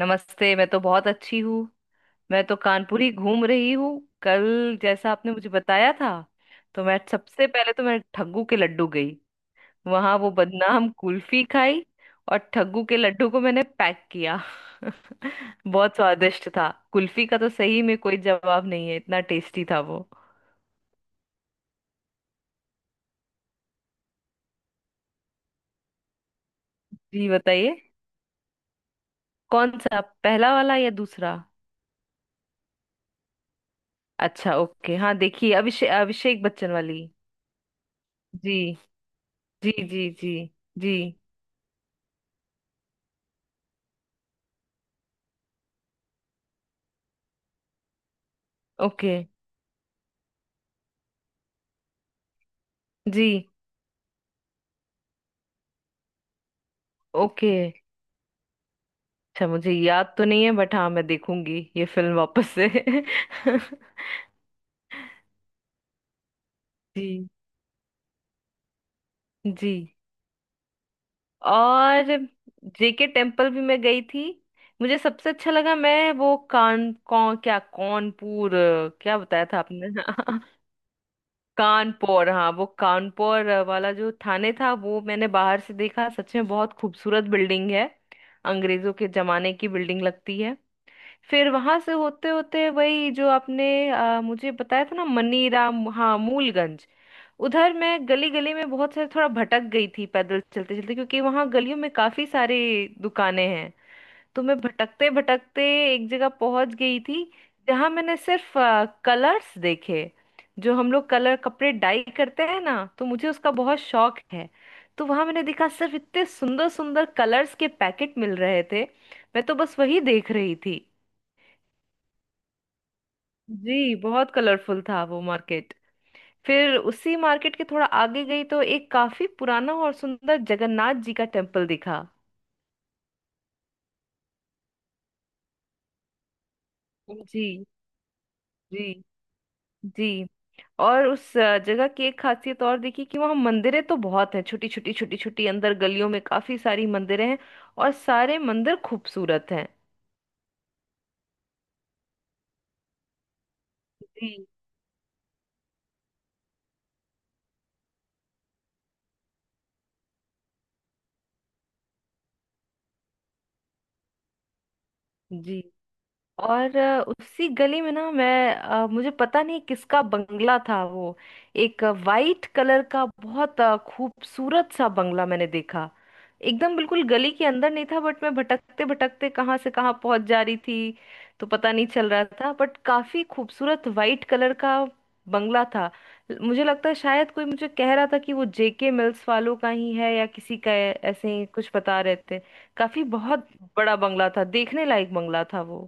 नमस्ते। मैं तो बहुत अच्छी हूँ। मैं तो कानपुरी घूम रही हूँ। कल जैसा आपने मुझे बताया था, तो मैं सबसे पहले तो मैं ठग्गू के लड्डू गई। वहां वो बदनाम कुल्फी खाई और ठग्गू के लड्डू को मैंने पैक किया। बहुत स्वादिष्ट था। कुल्फी का तो सही में कोई जवाब नहीं है, इतना टेस्टी था वो। जी बताइए, कौन सा, पहला वाला या दूसरा? अच्छा ओके। हाँ देखिए, अभिषेक अभिषेक बच्चन वाली। जी जी जी। जी जी। ओके। जी। ओके। अच्छा, मुझे याद तो नहीं है, बट हाँ मैं देखूंगी ये फिल्म वापस से। जी। जी। और जेके टेम्पल भी मैं गई थी। मुझे सबसे अच्छा लगा, मैं वो कानपुर, क्या बताया था आपने? कानपुर, हाँ वो कानपुर वाला जो थाने था, वो मैंने बाहर से देखा। सच में बहुत खूबसूरत बिल्डिंग है, अंग्रेजों के जमाने की बिल्डिंग लगती है। फिर वहां से होते होते वही जो आपने मुझे बताया था ना, मनीराम, हाँ मूलगंज। उधर मैं गली गली में बहुत सारे थोड़ा भटक गई थी पैदल चलते चलते, क्योंकि वहां गलियों में काफी सारी दुकानें हैं। तो मैं भटकते भटकते एक जगह पहुंच गई थी, जहां मैंने सिर्फ कलर्स देखे। जो हम लोग कलर कपड़े डाई करते हैं ना, तो मुझे उसका बहुत शौक है। तो वहां मैंने देखा, सिर्फ इतने सुंदर सुंदर कलर्स के पैकेट मिल रहे थे। मैं तो बस वही देख रही थी। जी, बहुत कलरफुल था वो मार्केट। फिर उसी मार्केट के थोड़ा आगे गई तो एक काफी पुराना और सुंदर जगन्नाथ जी का टेम्पल दिखा। जी। जी। जी। और उस जगह की एक खासियत और दिखी, कि वहाँ मंदिरें तो बहुत हैं, छोटी छोटी छोटी छोटी, अंदर गलियों में काफी सारी मंदिरें हैं, और सारे मंदिर खूबसूरत हैं। जी। जी। और उसी गली में ना, मुझे पता नहीं किसका बंगला था वो। एक वाइट कलर का बहुत खूबसूरत सा बंगला मैंने देखा। एकदम बिल्कुल गली के अंदर नहीं था, बट मैं भटकते भटकते कहाँ से कहाँ पहुंच जा रही थी, तो पता नहीं चल रहा था। बट काफी खूबसूरत वाइट कलर का बंगला था। मुझे लगता है शायद, कोई मुझे कह रहा था कि वो जेके मिल्स वालों का ही है या किसी का है, ऐसे ही कुछ बता रहे थे। काफी बहुत बड़ा बंगला था, देखने लायक बंगला था वो।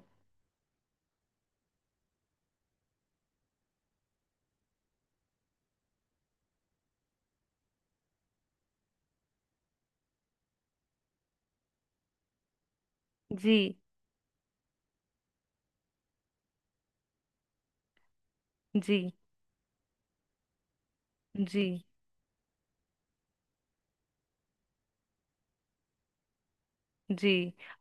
जी। जी। जी। जी।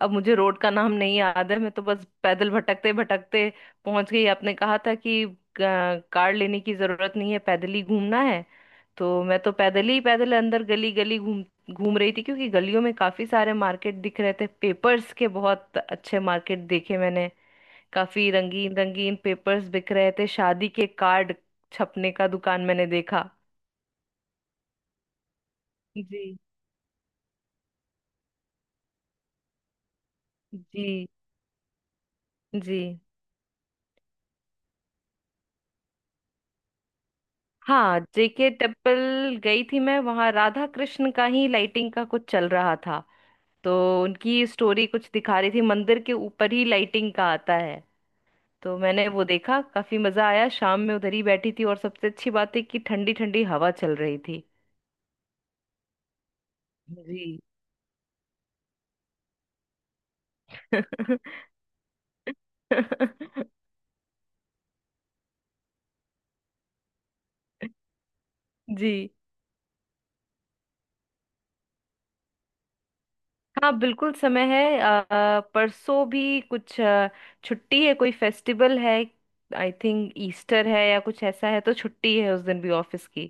अब मुझे रोड का नाम नहीं याद है, मैं तो बस पैदल भटकते भटकते पहुंच गई। आपने कहा था कि कार लेने की जरूरत नहीं है, पैदल ही घूमना है। तो मैं तो पैदल ही पैदल अंदर गली गली घूम घूम रही थी, क्योंकि गलियों में काफी सारे मार्केट दिख रहे थे। पेपर्स के बहुत अच्छे मार्केट देखे मैंने। काफी रंगीन रंगीन पेपर्स बिक रहे थे, शादी के कार्ड छपने का दुकान मैंने देखा। जी। जी। जी। हाँ जेके टेम्पल गई थी मैं, वहां राधा कृष्ण का ही लाइटिंग का कुछ चल रहा था। तो उनकी स्टोरी कुछ दिखा रही थी, मंदिर के ऊपर ही लाइटिंग का आता है। तो मैंने वो देखा, काफी मजा आया। शाम में उधर ही बैठी थी, और सबसे अच्छी बात है कि ठंडी ठंडी हवा चल रही थी। जी। जी। हाँ बिल्कुल समय है। परसों भी कुछ, छुट्टी है, कोई फेस्टिवल है, आई थिंक ईस्टर है या कुछ ऐसा है, तो छुट्टी है उस दिन भी ऑफिस की।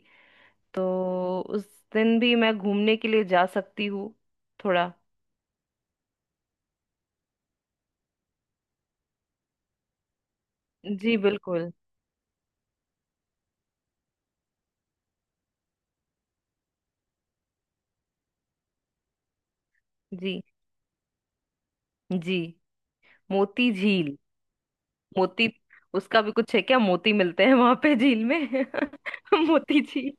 तो उस दिन भी मैं घूमने के लिए जा सकती हूँ थोड़ा। जी बिल्कुल। जी। जी। मोती झील। मोती, उसका भी कुछ है क्या, मोती मिलते हैं वहां पे झील में? मोती झील।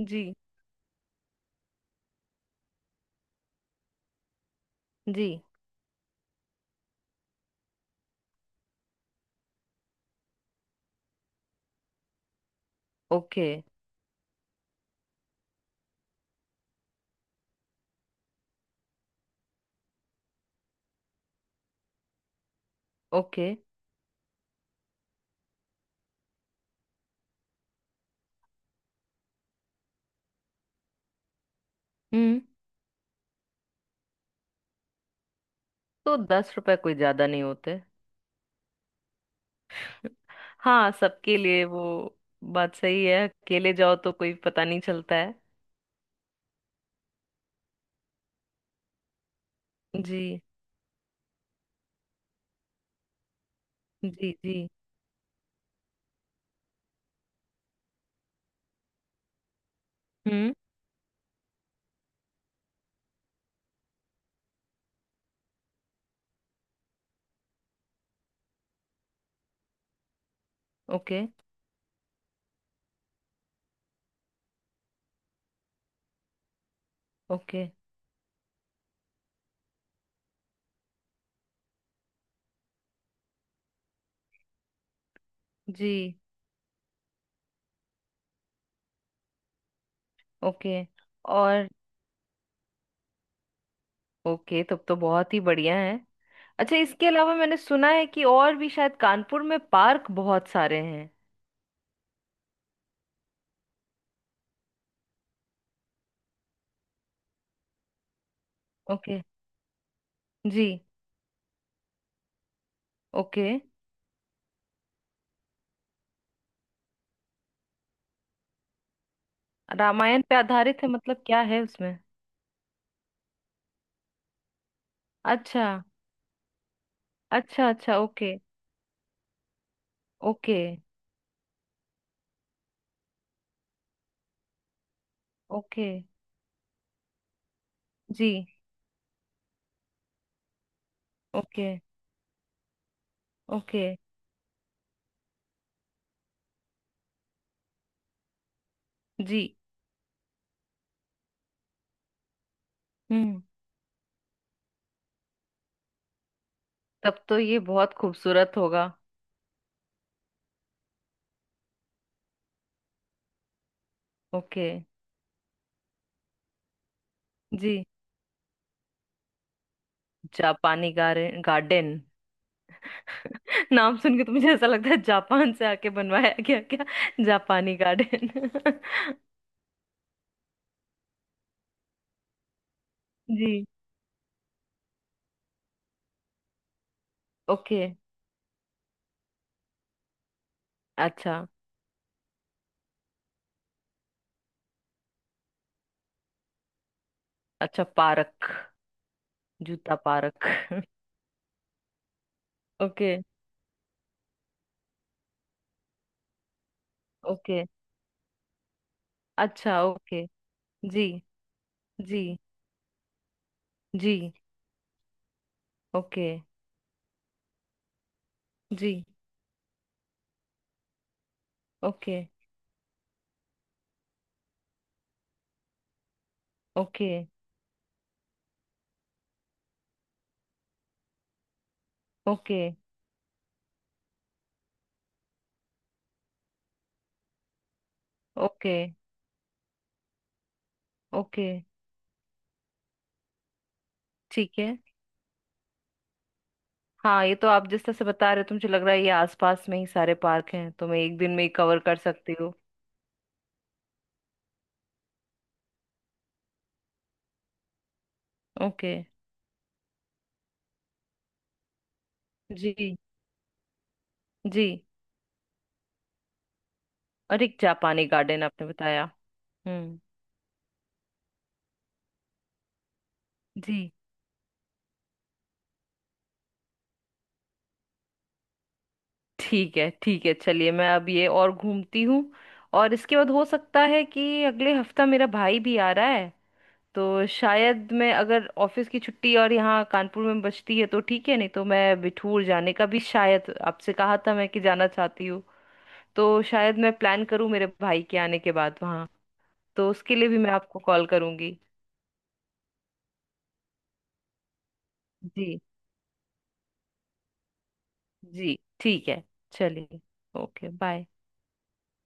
जी। जी। ओके। ओके। हम्म। तो 10 रुपए कोई ज्यादा नहीं होते। हाँ सबके लिए वो बात सही है, अकेले जाओ तो कोई पता नहीं चलता है। जी। जी। जी। हम्म। ओके। ओके। जी। ओके। और ओके, तब तो बहुत ही बढ़िया है। अच्छा इसके अलावा मैंने सुना है कि और भी शायद कानपुर में पार्क बहुत सारे हैं। ओके। जी। ओके। रामायण पे आधारित है, मतलब क्या है उसमें? अच्छा। अच्छा अच्छा ओके। ओके। ओके। जी। ओके। ओके। जी। हम्म। तब तो ये बहुत खूबसूरत होगा। ओके। जी। जापानी गार्डन गार्डन नाम सुन के तो मुझे ऐसा लगता है जापान से आके बनवाया गया क्या? जापानी गार्डन। जी। ओके। अच्छा। अच्छा पार्क। जूता पार्क? ओके। ओके। अच्छा ओके। जी। जी। जी। ओके। जी। Okay. Okay. Okay. Okay. Okay. ठीक है। हाँ ये तो आप जिस तरह से बता रहे हो, तो मुझे लग रहा है ये आसपास में ही सारे पार्क हैं, तो मैं एक दिन में ही कवर कर सकती हूँ। ओके। जी। जी। और एक जापानी गार्डन आपने बताया। हम्म। जी ठीक है, ठीक है। चलिए मैं अब ये और घूमती हूँ। और इसके बाद हो सकता है कि अगले हफ्ता मेरा भाई भी आ रहा है। तो शायद मैं, अगर ऑफिस की छुट्टी और यहाँ कानपुर में बचती है तो ठीक है, नहीं तो मैं बिठूर जाने का भी शायद आपसे कहा था मैं कि जाना चाहती हूँ। तो शायद मैं प्लान करूँ मेरे भाई के आने के बाद वहाँ। तो उसके लिए भी मैं आपको कॉल करूँगी। जी। जी ठीक है। चलिए। Okay bye.